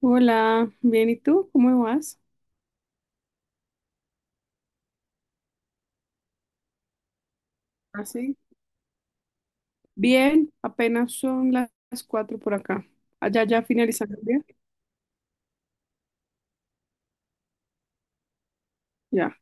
Hola, bien, ¿y tú? ¿Cómo vas? Así. Bien, apenas son las 4 por acá. Allá ya finalizando el día. Ya,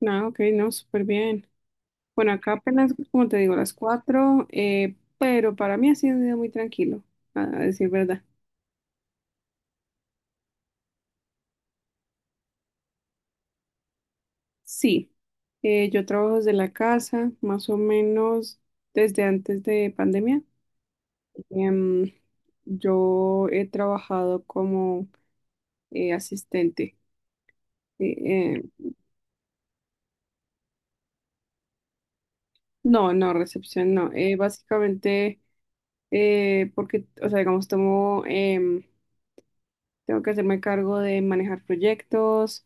nada, ok, no, súper bien. Bueno, acá apenas, como te digo, las 4, pero para mí ha sido un día muy tranquilo, a decir verdad. Sí, yo trabajo desde la casa, más o menos desde antes de pandemia. Em, yo he trabajado como asistente. eh, em, No, no, recepción no. Básicamente, porque, o sea, digamos, tengo que hacerme cargo de manejar proyectos,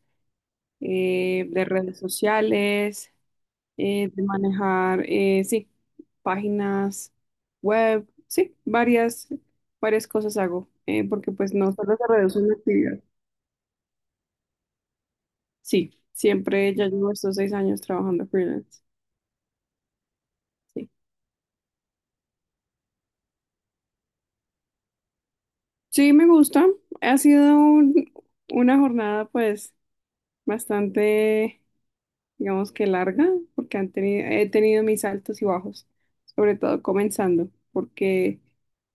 de redes sociales, de manejar, sí, páginas web, sí, varias cosas hago, porque pues no solo se reduce una actividad. Sí, siempre ya llevo estos 6 años trabajando freelance. Sí, sí, me gusta. Ha sido una jornada, pues. Bastante, digamos que larga, porque he tenido mis altos y bajos, sobre todo comenzando, porque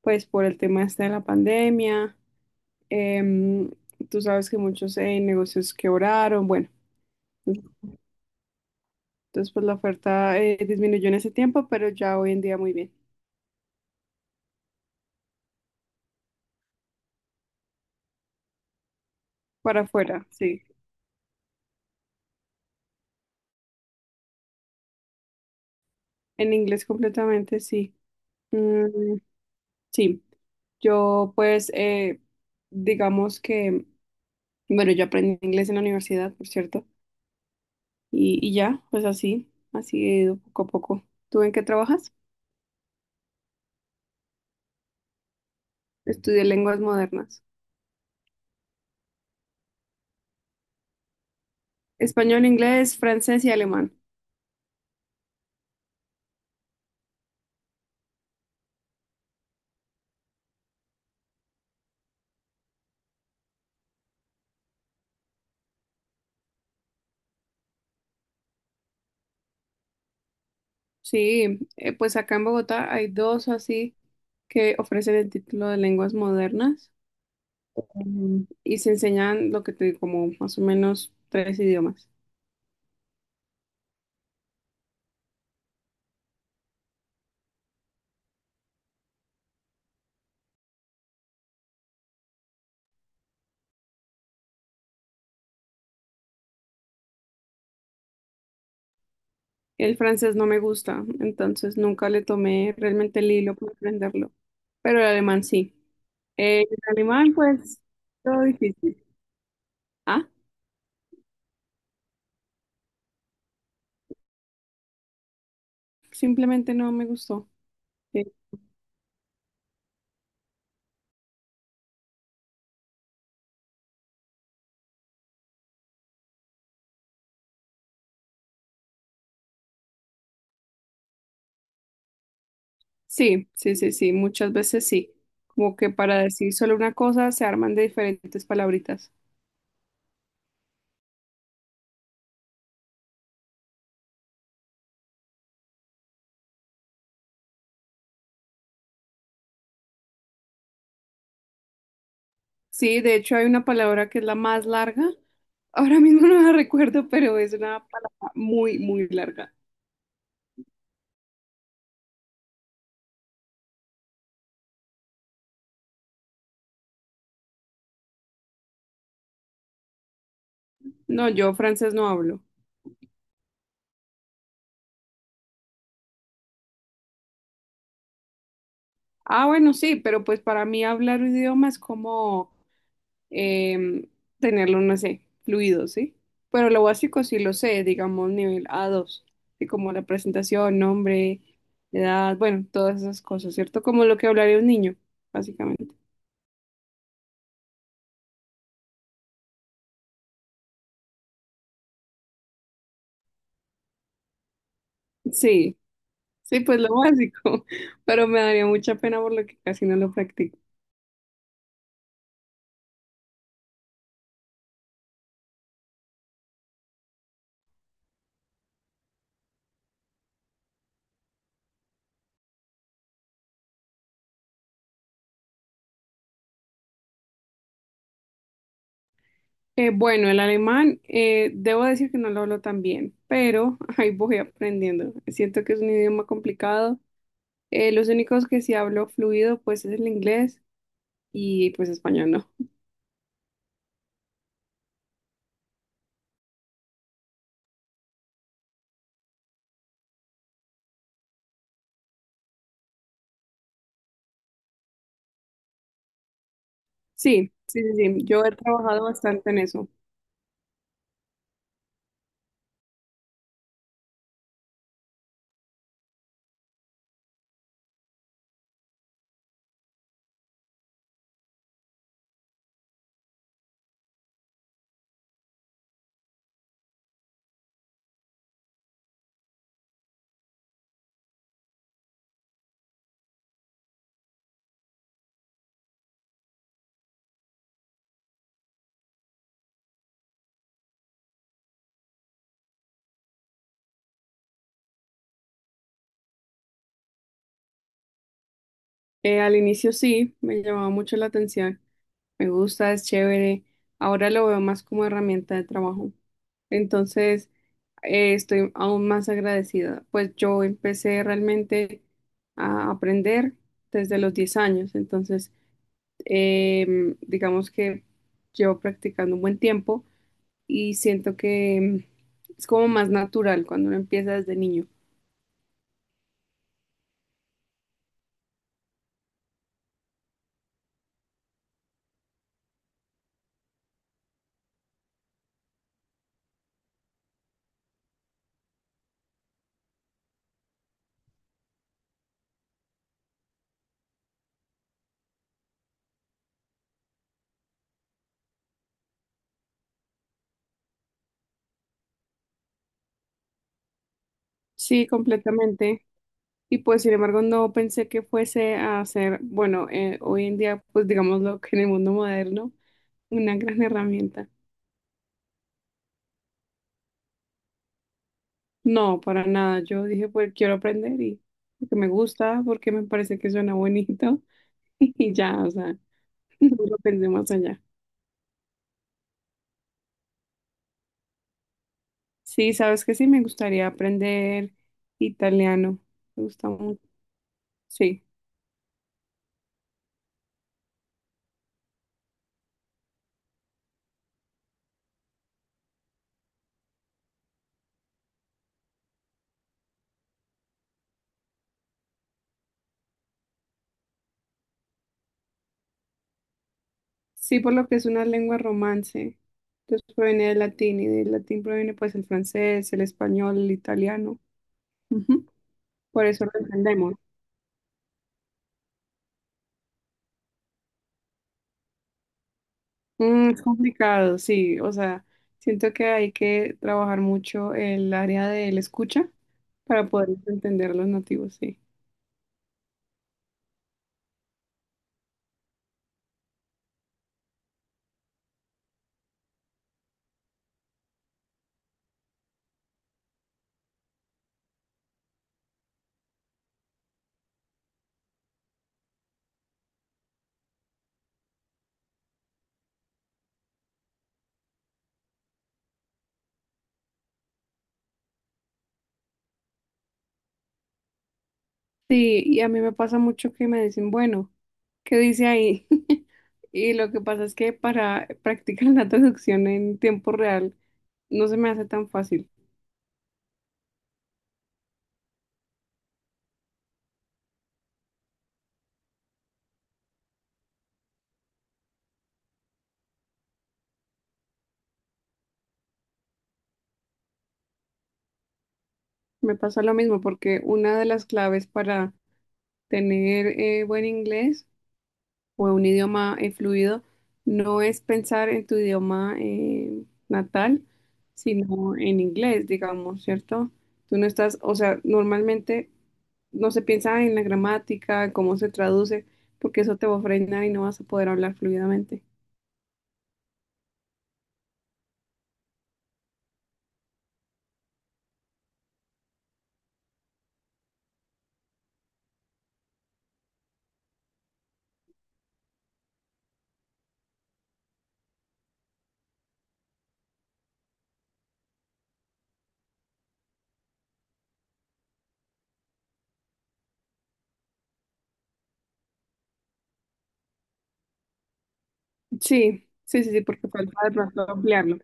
pues por el tema este de la pandemia, em, tú sabes que muchos negocios quebraron, bueno, entonces pues la oferta disminuyó en ese tiempo, pero ya hoy en día muy bien. Para afuera, sí. En inglés completamente, sí. Mm, sí. Yo pues, digamos que, bueno, yo aprendí inglés en la universidad, por cierto. Y ya, pues así he ido poco a poco. ¿Tú en qué trabajas? Estudié lenguas modernas. Español, inglés, francés y alemán. Sí, pues acá en Bogotá hay dos así que ofrecen el título de lenguas modernas y se enseñan lo que te digo, como más o menos tres idiomas. El francés no me gusta, entonces nunca le tomé realmente el hilo para aprenderlo, pero el alemán sí. El alemán, pues, todo difícil. Ah, simplemente no me gustó. Sí, sí, sí, sí, sí, muchas veces sí. Como que para decir solo una cosa se arman de diferentes palabritas. Sí, de hecho hay una palabra que es la más larga. Ahora mismo no la recuerdo, pero es una palabra muy, muy larga. No, yo francés no hablo. Ah, bueno, sí, pero pues para mí hablar un idioma es como em, tenerlo, no sé, fluido, ¿sí? Pero lo básico sí lo sé, digamos nivel A2 así como la presentación, nombre, edad, bueno, todas esas cosas, ¿cierto? Como lo que hablaría un niño, básicamente. Sí, sí, pues lo básico, pero me daría mucha pena por lo que casi no lo practico. Bueno, el alemán, debo decir que no lo hablo tan bien, pero ahí voy aprendiendo. Siento que es un idioma complicado. Los únicos que sí hablo fluido, pues es el inglés y pues español, ¿no? Sí, sí, sí, sí. Yo he trabajado bastante en eso. Al inicio sí, me llamaba mucho la atención. Me gusta, es chévere. Ahora lo veo más como herramienta de trabajo. Entonces, estoy aún más agradecida. Pues yo empecé realmente a aprender desde los 10 años. Entonces, digamos que llevo practicando un buen tiempo y siento que es como más natural cuando uno empieza desde niño. Sí, completamente. Y pues, sin embargo, no pensé que fuese a ser, bueno, hoy en día, pues digámoslo que en el mundo moderno, una gran herramienta. No, para nada. Yo dije, pues quiero aprender y porque me gusta, porque me parece que suena bonito y ya, o sea, no lo pensé más allá. Sí, sabes que sí, me gustaría aprender italiano. Me gusta mucho. Sí, sí, por lo que es una lengua romance. Entonces proviene del latín y del latín proviene pues el francés, el español, el italiano. Ujú. Por eso lo entendemos. Mm, es complicado, sí, o sea, siento que hay que trabajar mucho el área del escucha para poder entender a los nativos, sí. Sí, y a mí me pasa mucho que me dicen, bueno, ¿qué dice ahí? Y lo que pasa es que para practicar la traducción en tiempo real no se me hace tan fácil. Me pasa lo mismo porque una de las claves para tener buen inglés o de un idioma fluido, no es pensar en tu idioma natal, sino en inglés, digamos, ¿cierto? Tú no estás, o sea, normalmente no se piensa en la gramática, en cómo se traduce, porque eso te va a frenar y no vas a poder hablar fluidamente. Sí, sí, sí, sí, porque falta de pronto ampliarlo.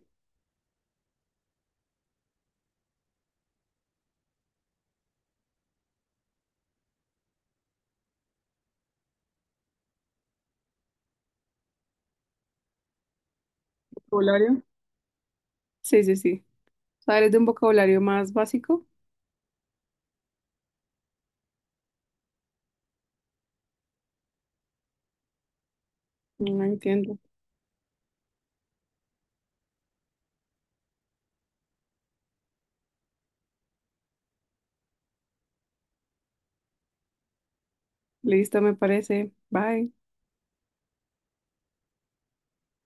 ¿Vocabulario? Sí, sí, sí. O sea, eres de un vocabulario más básico. No entiendo. Listo, me parece. Bye.